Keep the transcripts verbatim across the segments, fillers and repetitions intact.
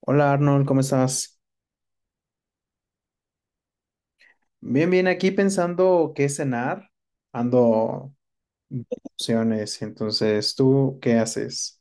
Hola Arnold, ¿cómo estás? Bien, bien, aquí pensando qué cenar, ando opciones. Entonces, ¿tú qué haces?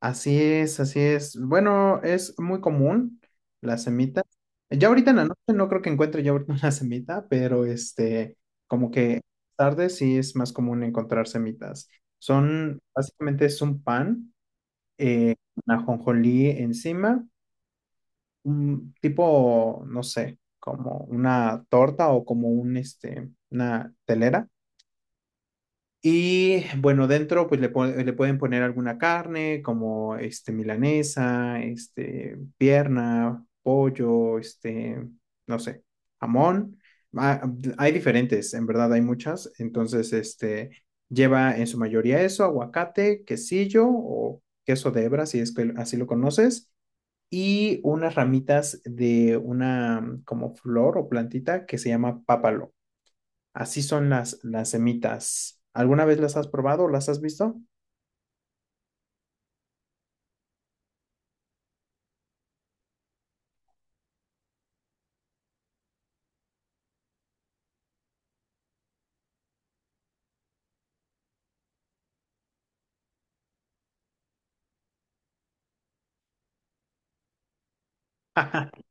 Así es, así es. Bueno, es muy común la semita. Ya ahorita en la noche no creo que encuentre yo ahorita una semita, pero este, como que tarde sí es más común encontrar semitas. Son, básicamente es un pan, una ajonjolí encima un tipo, no sé, como una torta o como un, este, una telera. Y bueno, dentro pues le, pon- le pueden poner alguna carne como este milanesa, este pierna, pollo, este, no sé, jamón. Ah, hay diferentes, en verdad hay muchas. Entonces, este lleva en su mayoría eso, aguacate, quesillo o queso de hebra, si es que así lo conoces, y unas ramitas de una mm, como flor o plantita que se llama pápalo. Así son las, las semitas. ¿Alguna vez las has probado o las has visto?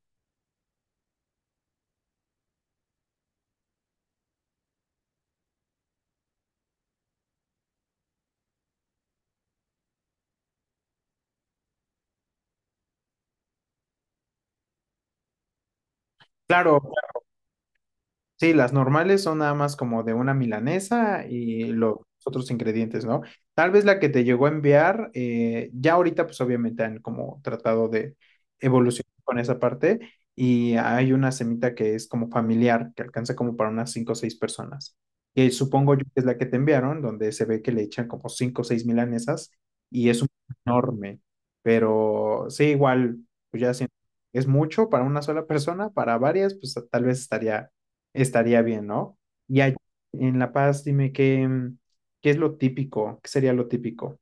Claro. Sí, las normales son nada más como de una milanesa y los otros ingredientes, ¿no? Tal vez la que te llegó a enviar, eh, ya ahorita pues obviamente han como tratado de evolucionar con esa parte, y hay una semita que es como familiar, que alcanza como para unas cinco o seis personas, que supongo yo que es la que te enviaron, donde se ve que le echan como cinco o seis milanesas y es un enorme. Pero sí, igual, pues ya siento, es mucho para una sola persona; para varias, pues tal vez estaría estaría bien, ¿no? Y allá en La Paz, dime qué, mm, qué es lo típico, qué sería lo típico.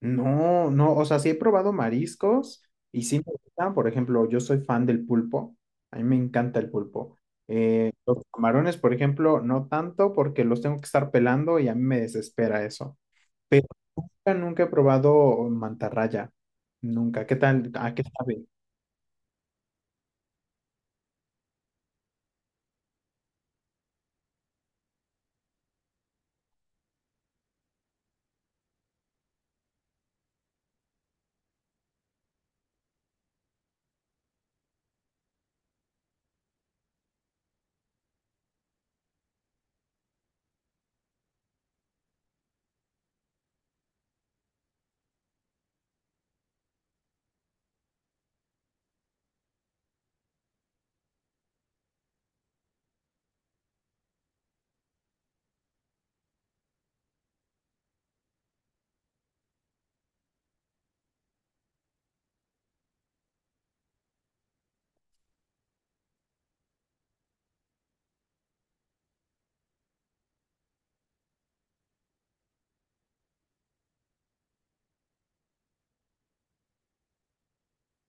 No, no, o sea, sí he probado mariscos y sí me gustan, por ejemplo, yo soy fan del pulpo, a mí me encanta el pulpo. Eh, los camarones, por ejemplo, no tanto porque los tengo que estar pelando y a mí me desespera eso. Pero nunca nunca he probado mantarraya, nunca. ¿Qué tal? ¿A qué sabe?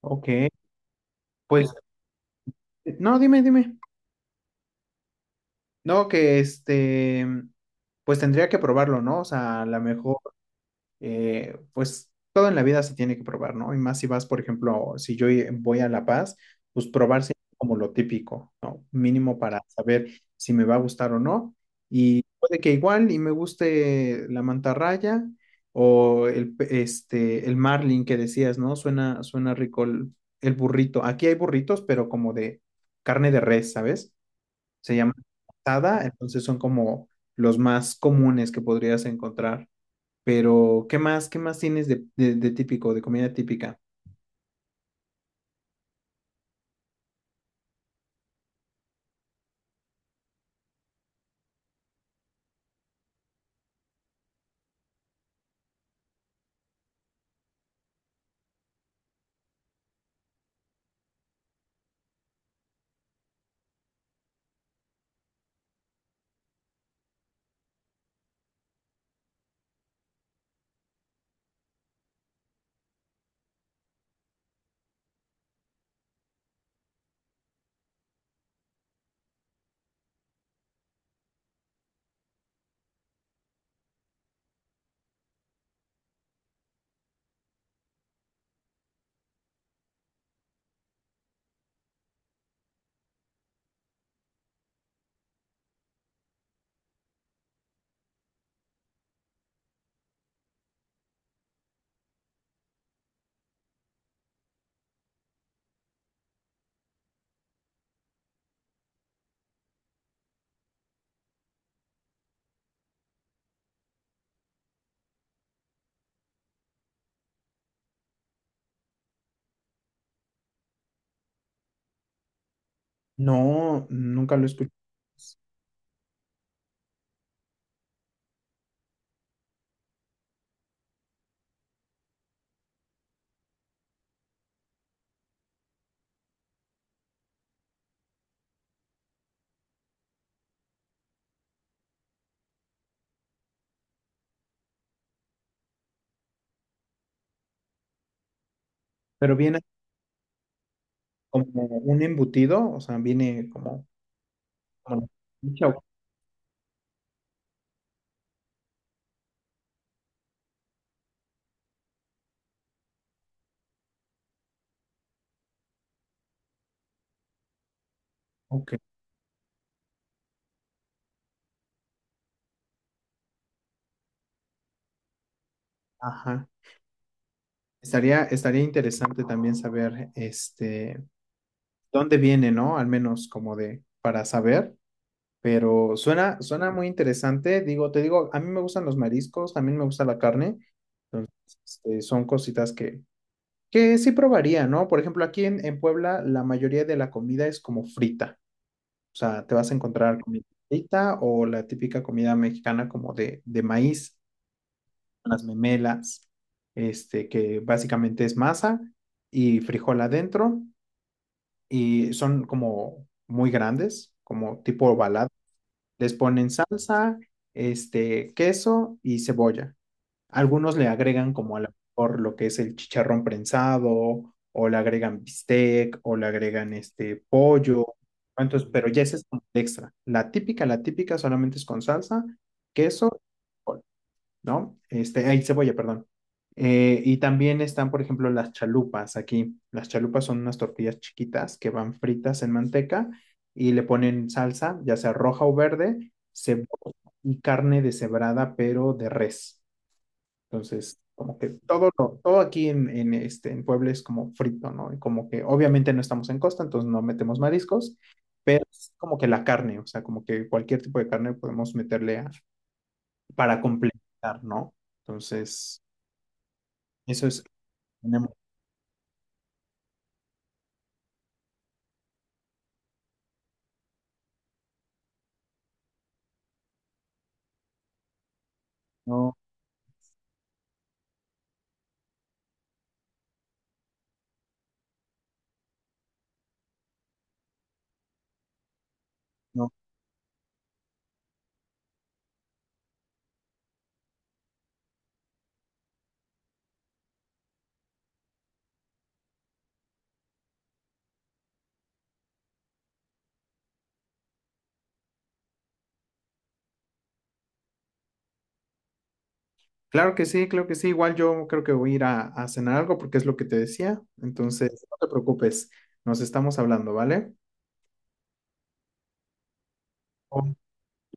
Ok, pues, no, dime, dime. No, que este, pues tendría que probarlo, ¿no? O sea, a lo mejor, eh, pues todo en la vida se tiene que probar, ¿no? Y más si vas, por ejemplo, si yo i- voy a La Paz, pues probar siempre como lo típico, ¿no? Mínimo para saber si me va a gustar o no. Y puede que igual y me guste la mantarraya o el, pe- este, el marlin que decías, ¿no? Suena, suena rico el, el burrito. Aquí hay burritos, pero como de carne de res, ¿sabes? Se llama asada, entonces son como los más comunes que podrías encontrar. Pero, ¿qué más? ¿Qué más tienes de, de- de típico, de comida típica? No, nunca lo escuché, pero viene como un embutido, o sea, viene como... como la salchicha. Ok, ajá. Estaría, estaría interesante también saber, este, dónde viene, ¿no? Al menos como de, para saber, pero suena, suena muy interesante. Digo, te digo, a mí me gustan los mariscos, también me gusta la carne. Este, son cositas que, que sí probaría, ¿no? Por ejemplo, aquí en, en Puebla la mayoría de la comida es como frita. O sea, te vas a encontrar comida frita o la típica comida mexicana como de, de maíz, las memelas, este, que básicamente es masa y frijol adentro, y son como muy grandes, como tipo ovalado. Les ponen salsa, este, queso y cebolla. Algunos le agregan como a lo mejor lo que es el chicharrón prensado, o le agregan bistec, o le agregan este pollo. Entonces, pero ya ese es como el extra. La típica, la típica solamente es con salsa, queso, col, ¿no? Este, ay, cebolla, perdón. Eh, y también están, por ejemplo, las chalupas aquí. Las chalupas son unas tortillas chiquitas que van fritas en manteca, y le ponen salsa, ya sea roja o verde, cebolla y carne deshebrada, pero de res. Entonces, como que todo lo- todo aquí en, en, este, en Puebla es como frito, ¿no? Y como que obviamente no estamos en costa, entonces no metemos mariscos, pero es como que la carne, o sea, como que cualquier tipo de carne podemos meterle a- para complementar, ¿no? Entonces, eso es... tenemos, no, no. Claro que sí, claro que sí. Igual yo creo que voy a ir a, a cenar algo porque es lo que te decía. Entonces, no te preocupes, nos estamos hablando, ¿vale?